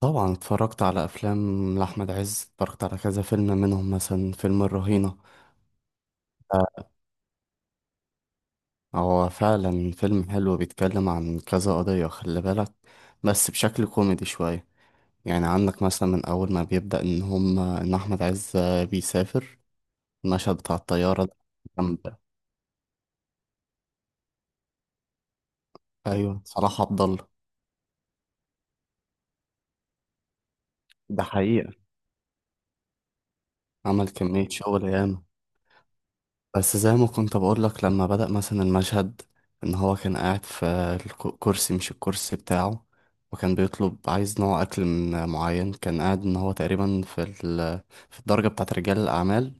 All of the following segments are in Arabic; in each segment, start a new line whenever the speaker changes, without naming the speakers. طبعا اتفرجت على افلام لاحمد عز، اتفرجت على كذا فيلم منهم مثلا فيلم الرهينه. آه. هو فعلا فيلم حلو بيتكلم عن كذا قضيه، خلي بالك، بس بشكل كوميدي شويه. يعني عندك مثلا من اول ما بيبدا ان احمد عز بيسافر. المشهد بتاع الطياره ده. جنب. ايوه، صلاح عبد الله. ده حقيقه. عمل كميه شغل ياما. بس زي ما كنت بقول لك، لما بدأ مثلا المشهد ان هو كان قاعد في الكرسي، مش الكرسي بتاعه. وكان بيطلب عايز نوع اكل من معين، كان قاعد ان هو تقريبا في الدرجة بتاعه رجال الاعمال.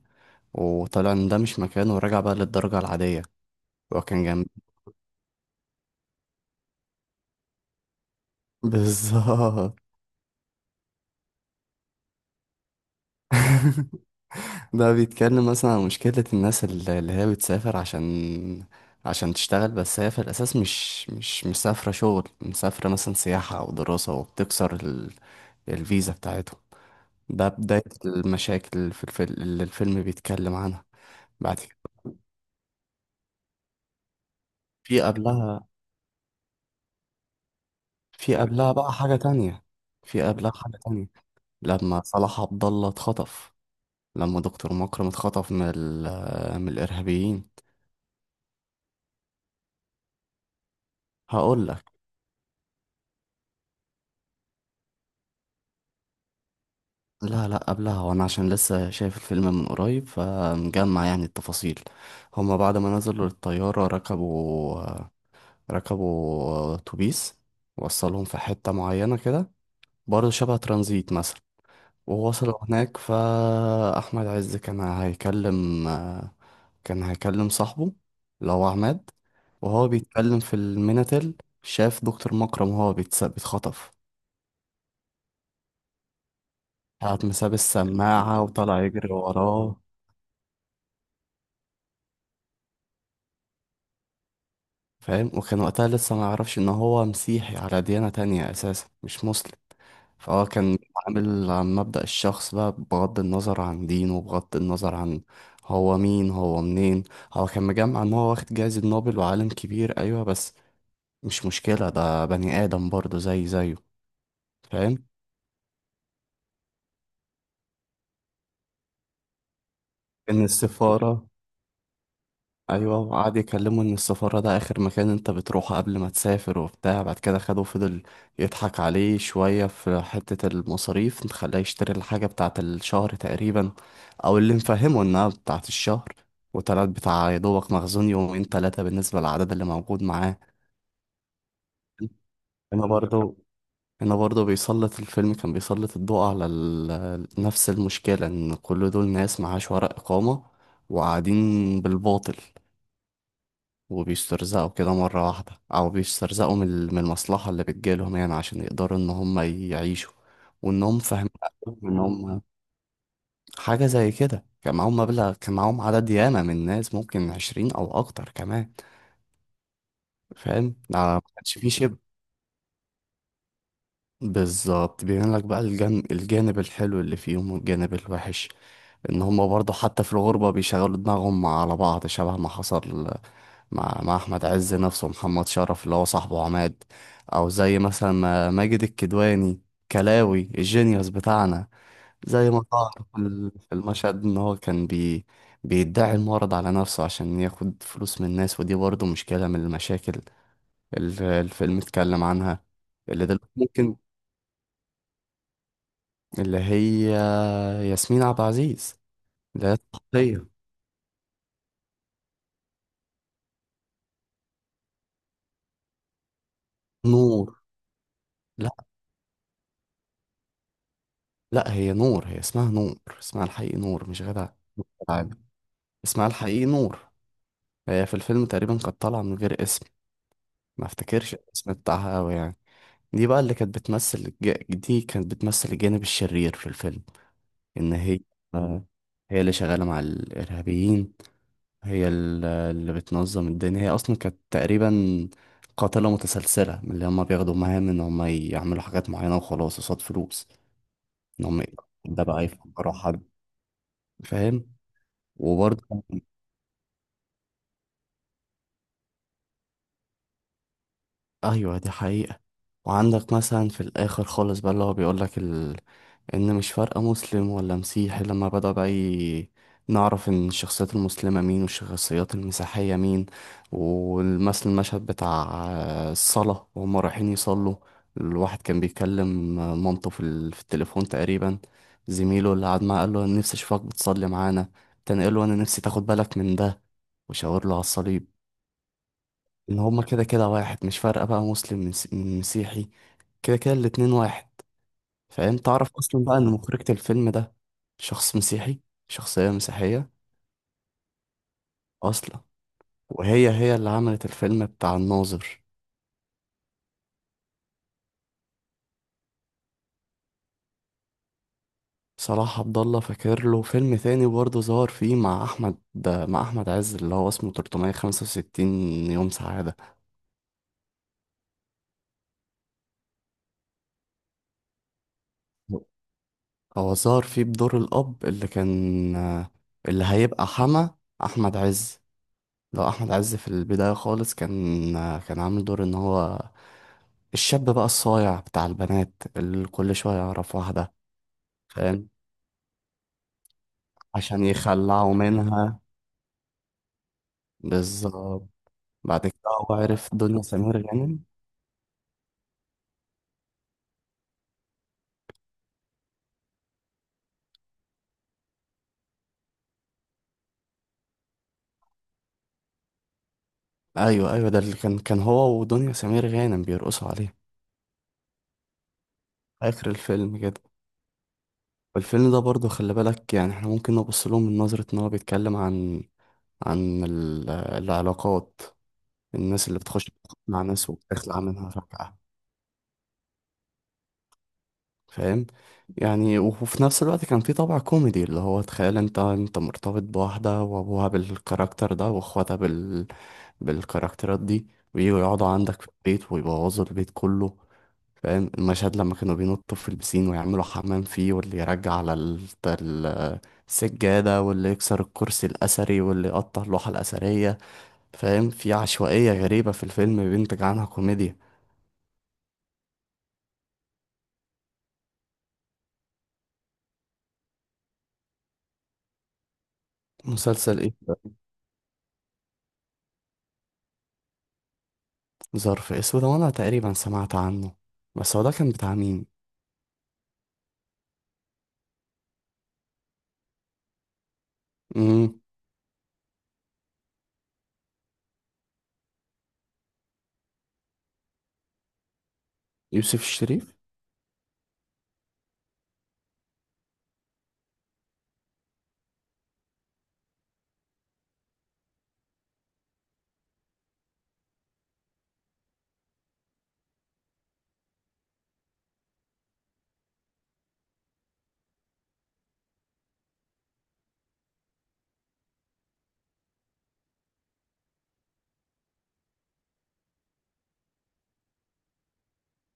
وطلع ان ده مش مكانه ورجع بقى للدرجة العادية. وكان جنب. بالظبط. ده بيتكلم مثلا عن مشكلة الناس اللي هي بتسافر عشان تشتغل، بس هي في الأساس مش مسافرة شغل، مسافرة مثلا سياحة أو دراسة، وبتكسر الفيزا بتاعتهم. ده بداية المشاكل في الفيلم اللي الفيلم بيتكلم عنها. بعد كده. في قبلها. في قبلها بقى حاجة تانية. في قبلها حاجة تانية. لما صلاح عبد الله اتخطف، لما دكتور مكرم اتخطف من الإرهابيين. هقول لك. لا، لا، قبلها، وانا عشان لسه شايف الفيلم من قريب فمجمع يعني التفاصيل. هما بعد ما نزلوا للطيارة، ركبوا اتوبيس. وصلهم في حتة معينة كده، برضه شبه ترانزيت مثلا. ووصلوا هناك فأحمد عز كان هيكلم صاحبه اللي هو عماد. وهو بيتكلم في الميناتيل، شاف دكتور مكرم وهو بيتخطف. قعد مساب السماعة وطلع يجري وراه. فاهم. وكان وقتها لسه ما يعرفش ان هو مسيحي، على ديانة تانية اساسا، مش مسلم. فهو كان عامل عن مبدأ الشخص بقى، بغض النظر عن دينه، بغض النظر عن هو مين هو منين. هو كان مجمع ان هو واخد جايزة نوبل وعالم كبير، ايوه، بس مش مشكلة، ده بني آدم برضه زي زيه. فاهم. ان السفارة. ايوه، وقعد يكلمه ان السفارة ده اخر مكان انت بتروحه قبل ما تسافر وبتاع. بعد كده خده فضل يضحك عليه شوية في حتة المصاريف، خلاه يشتري الحاجة بتاعة الشهر تقريبا، او اللي مفهمه انها بتاعة الشهر. وطلعت بتاع يا دوبك مخزون يومين تلاتة بالنسبة للعدد اللي موجود معاه. هنا برضو هنا برضو بيسلط الفيلم كان بيسلط الضوء على نفس المشكلة، ان كل دول ناس معاش ورق إقامة وقاعدين بالباطل. وبيسترزقوا كده مرة واحدة، أو بيسترزقوا من المصلحة اللي بتجيلهم يعني عشان يقدروا إن هم يعيشوا، وإنهم فاهمين. إن هم حاجة زي كده، كان معاهم مبلغ، كان معاهم عدد ياما من الناس، ممكن 20 أو أكتر كمان. فاهم، ده ما كانش فيه شبع. بالظبط، بيبين لك بقى الجانب الحلو اللي فيهم والجانب الوحش. ان هما برضه حتى في الغربة بيشغلوا دماغهم على بعض، شبه ما حصل مع احمد عز نفسه، ومحمد شرف اللي هو صاحبه عماد. او زي مثلا ما ماجد الكدواني، كلاوي الجينيوس بتاعنا. زي ما ظهر في المشهد ان هو كان بيدعي المرض على نفسه عشان ياخد فلوس من الناس، ودي برضه مشكلة من المشاكل اللي الفيلم اتكلم عنها. اللي دلوقتي ممكن. اللي هي. ياسمين عبد العزيز. اللي هي الطاقية. نور. لا، لا، هي نور، هي اسمها نور، اسمها الحقيقي نور، مش غادة عادل. اسمها الحقيقي نور. هي في الفيلم تقريبا كانت طالعة من غير اسم، ما افتكرش الاسم بتاعها أوي يعني. دي بقى اللي كانت بتمثل الج- دي كانت بتمثل الجانب الشرير في الفيلم. إن هي آه، هي اللي شغالة مع الإرهابيين. هي اللي بتنظم الدنيا، هي اصلا كانت تقريبا قاتلة متسلسلة، من اللي هما بياخدوا مهام ان هما يعملوا حاجات معينة وخلاص قصاد فلوس. ان هما. ده بقى يفكروا حد. فاهم. وبرضه. ايوه، دي حقيقة. وعندك مثلا في الاخر خالص بقى اللي هو بيقول لك ان مش فارقه مسلم ولا مسيحي، لما بدأ بقى نعرف ان الشخصيات المسلمه مين والشخصيات المسيحيه مين. والمثل المشهد بتاع الصلاه وهم رايحين يصلوا، الواحد كان بيكلم مامته في التليفون تقريبا. زميله اللي قعد معاه قال له انا نفسي اشوفك بتصلي معانا، تاني قال له انا نفسي تاخد بالك من ده، وشاور له على الصليب. ان هما كده كده واحد، مش فارقه بقى مسلم من مسيحي، كده كده الاتنين واحد. فاهم، تعرف اصلا بقى ان مخرجة الفيلم ده شخص مسيحي، شخصية مسيحية اصلا. وهي اللي عملت الفيلم بتاع الناظر. صلاح عبد الله فاكر له فيلم تاني برضه ظهر فيه مع احمد عز اللي هو اسمه 365 يوم سعادة. هو ظهر فيه بدور الاب اللي هيبقى حما احمد عز. لو احمد عز في البدايه خالص كان عامل دور ان هو الشاب بقى الصايع بتاع البنات اللي كل شويه يعرف واحده. فاهم، عشان يخلعوا منها. بالظبط. بعد كده هو عرف دنيا سمير غانم. ايوه، ايوه، ده اللي كان هو ودنيا سمير غانم بيرقصوا عليه. اخر الفيلم كده. والفيلم ده برضه خلي بالك، يعني احنا ممكن نبص لهم من نظره ان هو بيتكلم العلاقات، الناس اللي بتخش مع ناس وبتخلع منها فجأة. فاهم، يعني وفي نفس الوقت كان في طابع كوميدي اللي هو تخيل انت مرتبط بواحدة وابوها بالكاركتر ده واخواتها بالكاركترات دي، ويجوا يقعدوا عندك في البيت ويبوظوا البيت كله. فاهم المشهد لما كانوا بينطوا في البسين ويعملوا حمام فيه، واللي يرجع على ال- السجادة، واللي يكسر الكرسي الأثري، واللي يقطع اللوحة الأثرية. فاهم، في عشوائية غريبة في الفيلم بينتج عنها كوميديا. مسلسل ايه؟ ظرف اسود، وانا تقريبا سمعت عنه، بس هو ده كان بتاع مين؟ امم. يوسف الشريف.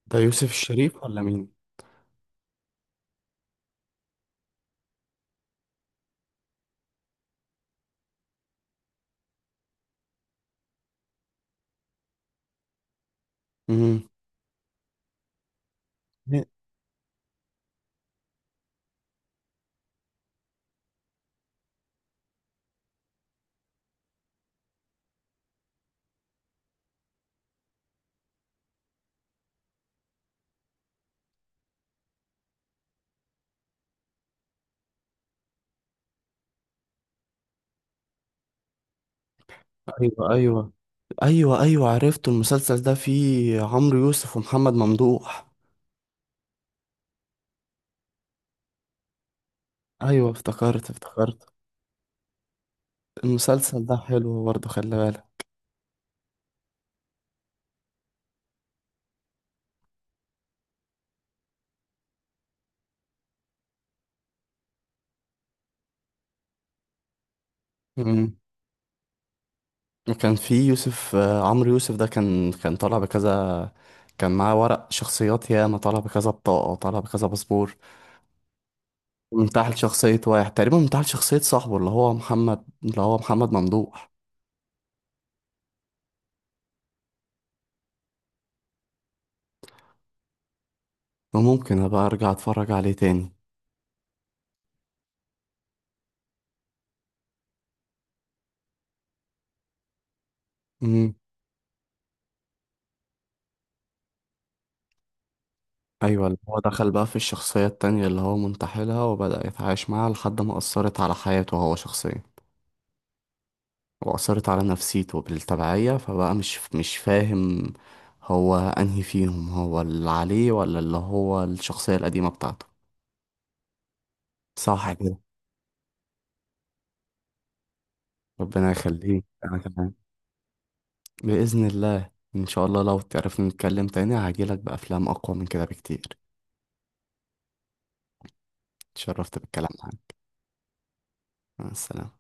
ده يوسف الشريف ولا مين؟ امم. ايوه، ايوه، ايوه، ايوه، عرفته، المسلسل ده فيه عمرو يوسف ومحمد ممدوح. ايوه، افتكرت افتكرت. المسلسل ده حلو برضه، خلي بالك. امم. وكان فيه يوسف آه، عمرو يوسف ده كان طالع بكذا، كان معاه ورق شخصيات ياما، طالع بكذا بطاقة، طالع بكذا باسبور، منتحل شخصية واحد، تقريبا منتحل شخصية صاحبه اللي هو محمد ممدوح. وممكن أبقى أرجع أتفرج عليه تاني. امم. أيوة، اللي هو دخل بقى في الشخصية التانية اللي هو منتحلها، وبدأ يتعايش معاها لحد ما أثرت على حياته هو شخصيا، وأثرت على نفسيته بالتبعية، فبقى مش فاهم، هو أنهي فيهم، هو اللي عليه ولا اللي هو الشخصية القديمة بتاعته. صح كده؟ ربنا يخليك، أنا كمان. بإذن الله. إن شاء الله لو تعرفنا نتكلم تاني هجيلك بأفلام أقوى من كده بكتير. اتشرفت بالكلام معاك. مع السلامة.